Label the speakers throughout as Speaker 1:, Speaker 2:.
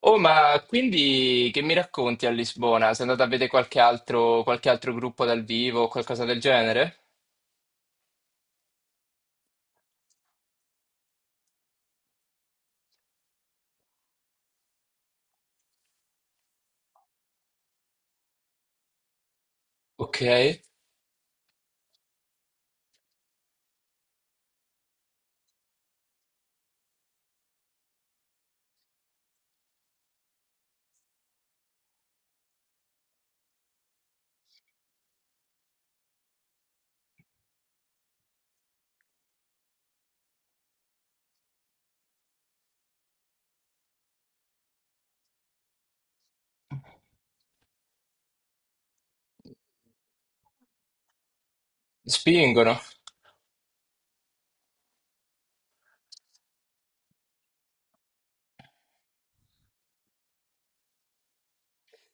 Speaker 1: Oh, ma quindi che mi racconti a Lisbona? Sei andato a vedere qualche altro gruppo dal vivo o qualcosa del genere? Ok, spingono.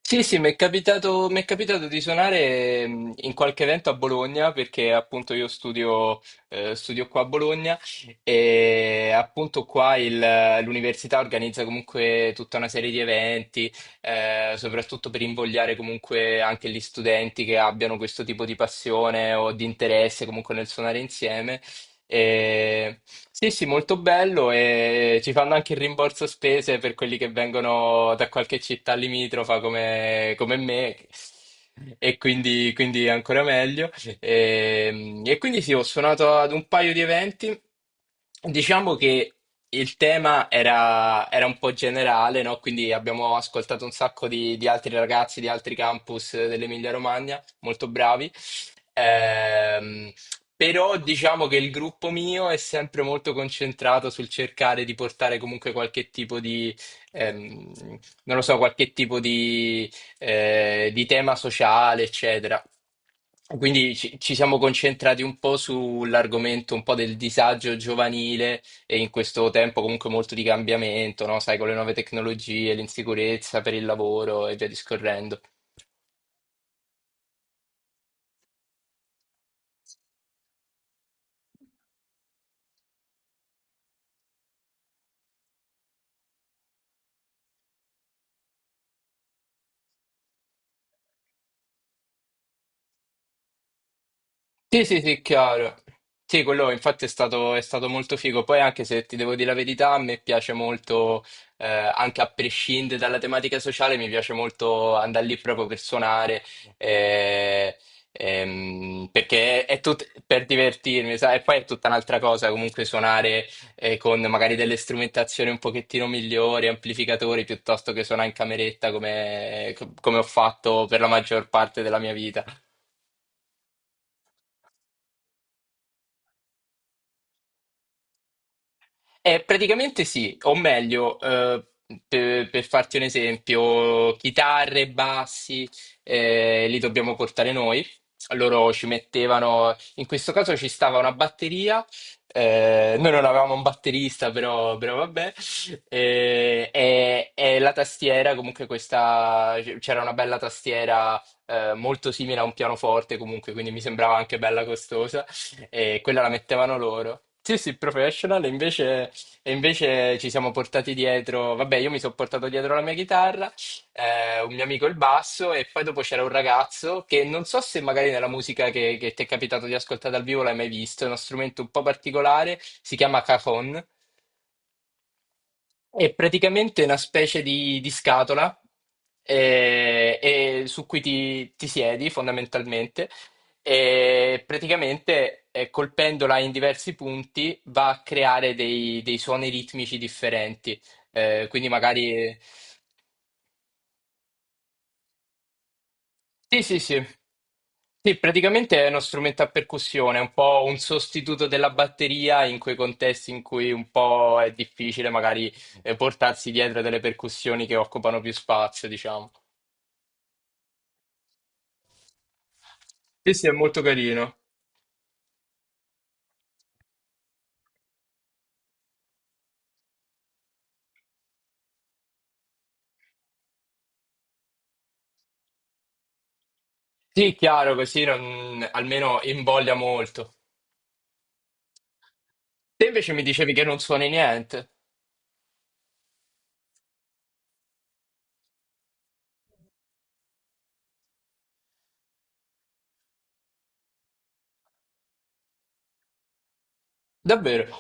Speaker 1: Sì, sì, mi è capitato di suonare in qualche evento a Bologna perché appunto io studio, studio qua a Bologna e appunto l'università organizza comunque tutta una serie di eventi, soprattutto per invogliare comunque anche gli studenti che abbiano questo tipo di passione o di interesse comunque nel suonare insieme e- Sì, sì, molto bello e ci fanno anche il rimborso spese per quelli che vengono da qualche città limitrofa come me e quindi è ancora meglio. E quindi sì, ho suonato ad un paio di eventi. Diciamo che era un po' generale, no? Quindi abbiamo ascoltato un sacco di altri ragazzi di altri campus dell'Emilia Romagna, molto bravi. Ehm, Però diciamo che il gruppo mio è sempre molto concentrato sul cercare di portare comunque qualche tipo di, ehm, non lo so, qualche tipo di tema sociale, eccetera. Quindi ci siamo concentrati un po' sull'argomento un po' del disagio giovanile e in questo tempo comunque molto di cambiamento, no? Sai, con le nuove tecnologie, l'insicurezza per il lavoro e via discorrendo. Sì, sì, sì, chiaro. Sì, quello infatti è stato molto figo. Poi anche se ti devo dire la verità, a me piace molto, anche a prescindere dalla tematica sociale, mi piace molto andare lì proprio per suonare, eh, perché è tutto per divertirmi, sai? E poi è tutta un'altra cosa comunque suonare, con magari delle strumentazioni un pochettino migliori, amplificatori, piuttosto che suonare in cameretta come ho fatto per la maggior parte della mia vita. Praticamente sì, o meglio, per farti un esempio, chitarre, bassi, li dobbiamo portare noi. Loro ci mettevano, in questo caso ci stava una batteria, noi non avevamo un batterista, però vabbè, e la tastiera, comunque questa, c'era una bella tastiera, molto simile a un pianoforte comunque, quindi mi sembrava anche bella costosa e quella la mettevano loro. Sì, sì, professional, invece e invece ci siamo portati dietro, vabbè, io mi sono portato dietro la mia chitarra, un mio amico il basso, e poi dopo c'era un ragazzo che non so se magari nella che ti è capitato di ascoltare dal vivo l'hai mai visto, è uno strumento un po' particolare, si chiama cajon, è praticamente una specie di scatola e su ti siedi fondamentalmente e praticamente colpendola in diversi punti va a creare dei suoni ritmici differenti. Quindi magari Sì, sì, sì. Sì, praticamente è uno strumento a percussione, è un po' un sostituto della batteria in quei contesti in cui un po' è difficile magari portarsi dietro delle percussioni che occupano più spazio, diciamo. Sì, sì, è molto carino. Sì, chiaro, così non- almeno invoglia molto. Te invece mi dicevi che non suoni niente. Davvero?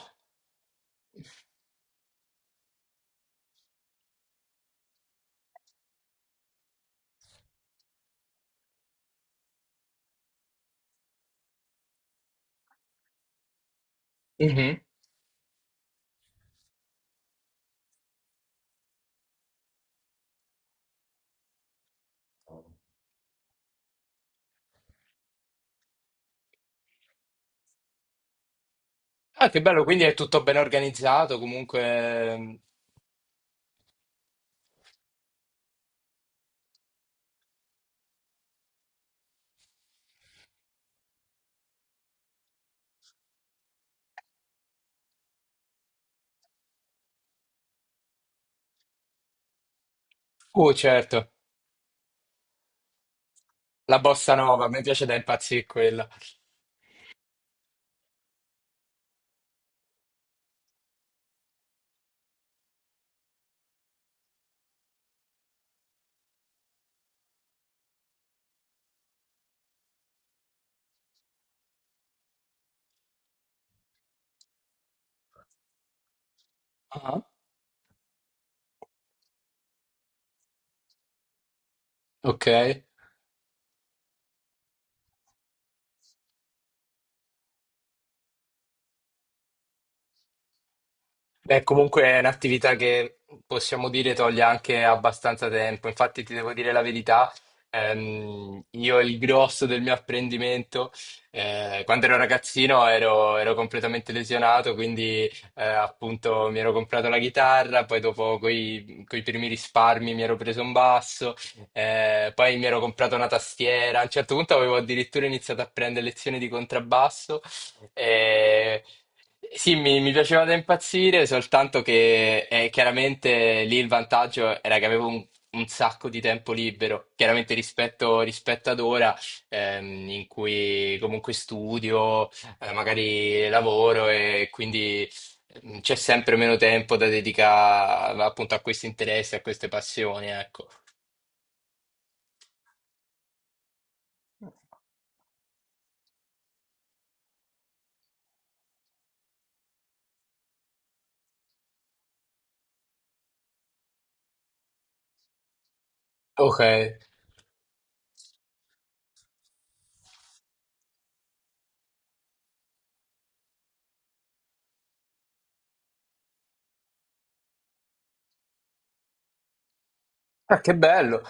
Speaker 1: Mhm. Ah, che bello, quindi è tutto ben organizzato, comunque... Oh, certo, la bossa nova, mi piace da impazzire quella. Ah. Ok. Beh, comunque è un'attività che possiamo dire toglie anche abbastanza tempo. Infatti, ti devo dire la verità, io il grosso del mio apprendimento, quando ero ragazzino ero completamente lesionato, quindi appunto mi ero comprato la chitarra, poi dopo coi primi risparmi mi ero preso un basso, poi mi ero comprato una tastiera. A un certo punto avevo addirittura iniziato a prendere lezioni di contrabbasso. Eh, sì, mi piaceva da impazzire, soltanto che chiaramente lì il vantaggio era che avevo un sacco di tempo libero, chiaramente rispetto ad ora, in cui comunque studio, magari lavoro e quindi c'è sempre meno tempo da dedicare appunto a questi interessi, a queste passioni, ecco. Ok, ah, che bello.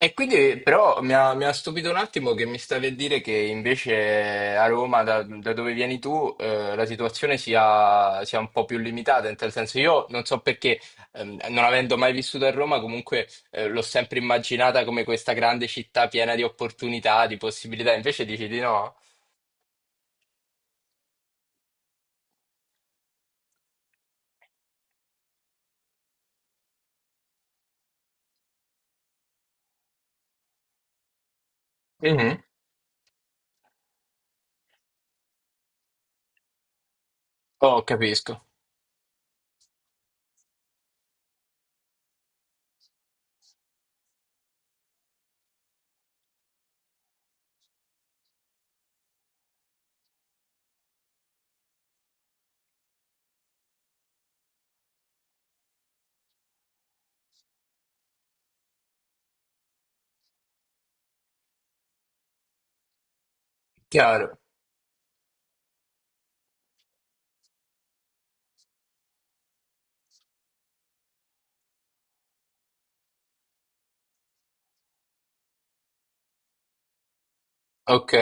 Speaker 1: E quindi però mi ha stupito un attimo che mi stavi a dire che invece a Roma, da dove vieni tu, la situazione sia un po' più limitata, in tal senso io non so perché, non avendo mai vissuto a Roma, comunque l'ho sempre immaginata come questa grande città piena di opportunità, di possibilità, invece dici di no? Mhm. Oh, capisco. Chiaro. Ok.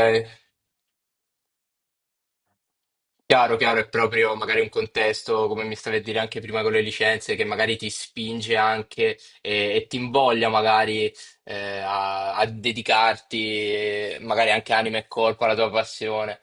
Speaker 1: Chiaro, chiaro, è proprio magari un contesto, come mi stavi a dire anche prima con le licenze, che magari ti spinge anche ti invoglia magari a dedicarti magari anche anima e corpo alla tua passione.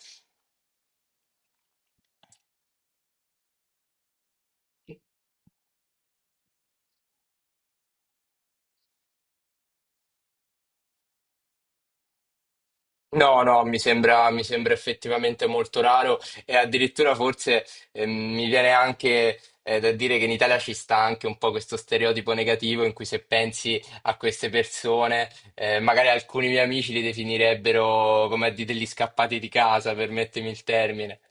Speaker 1: No, no, mi sembra effettivamente molto raro e addirittura forse mi viene anche da dire che in Italia ci sta anche un po' questo stereotipo negativo in cui se pensi a queste persone, magari alcuni miei amici li definirebbero come a dire, degli scappati di casa, permettimi il termine.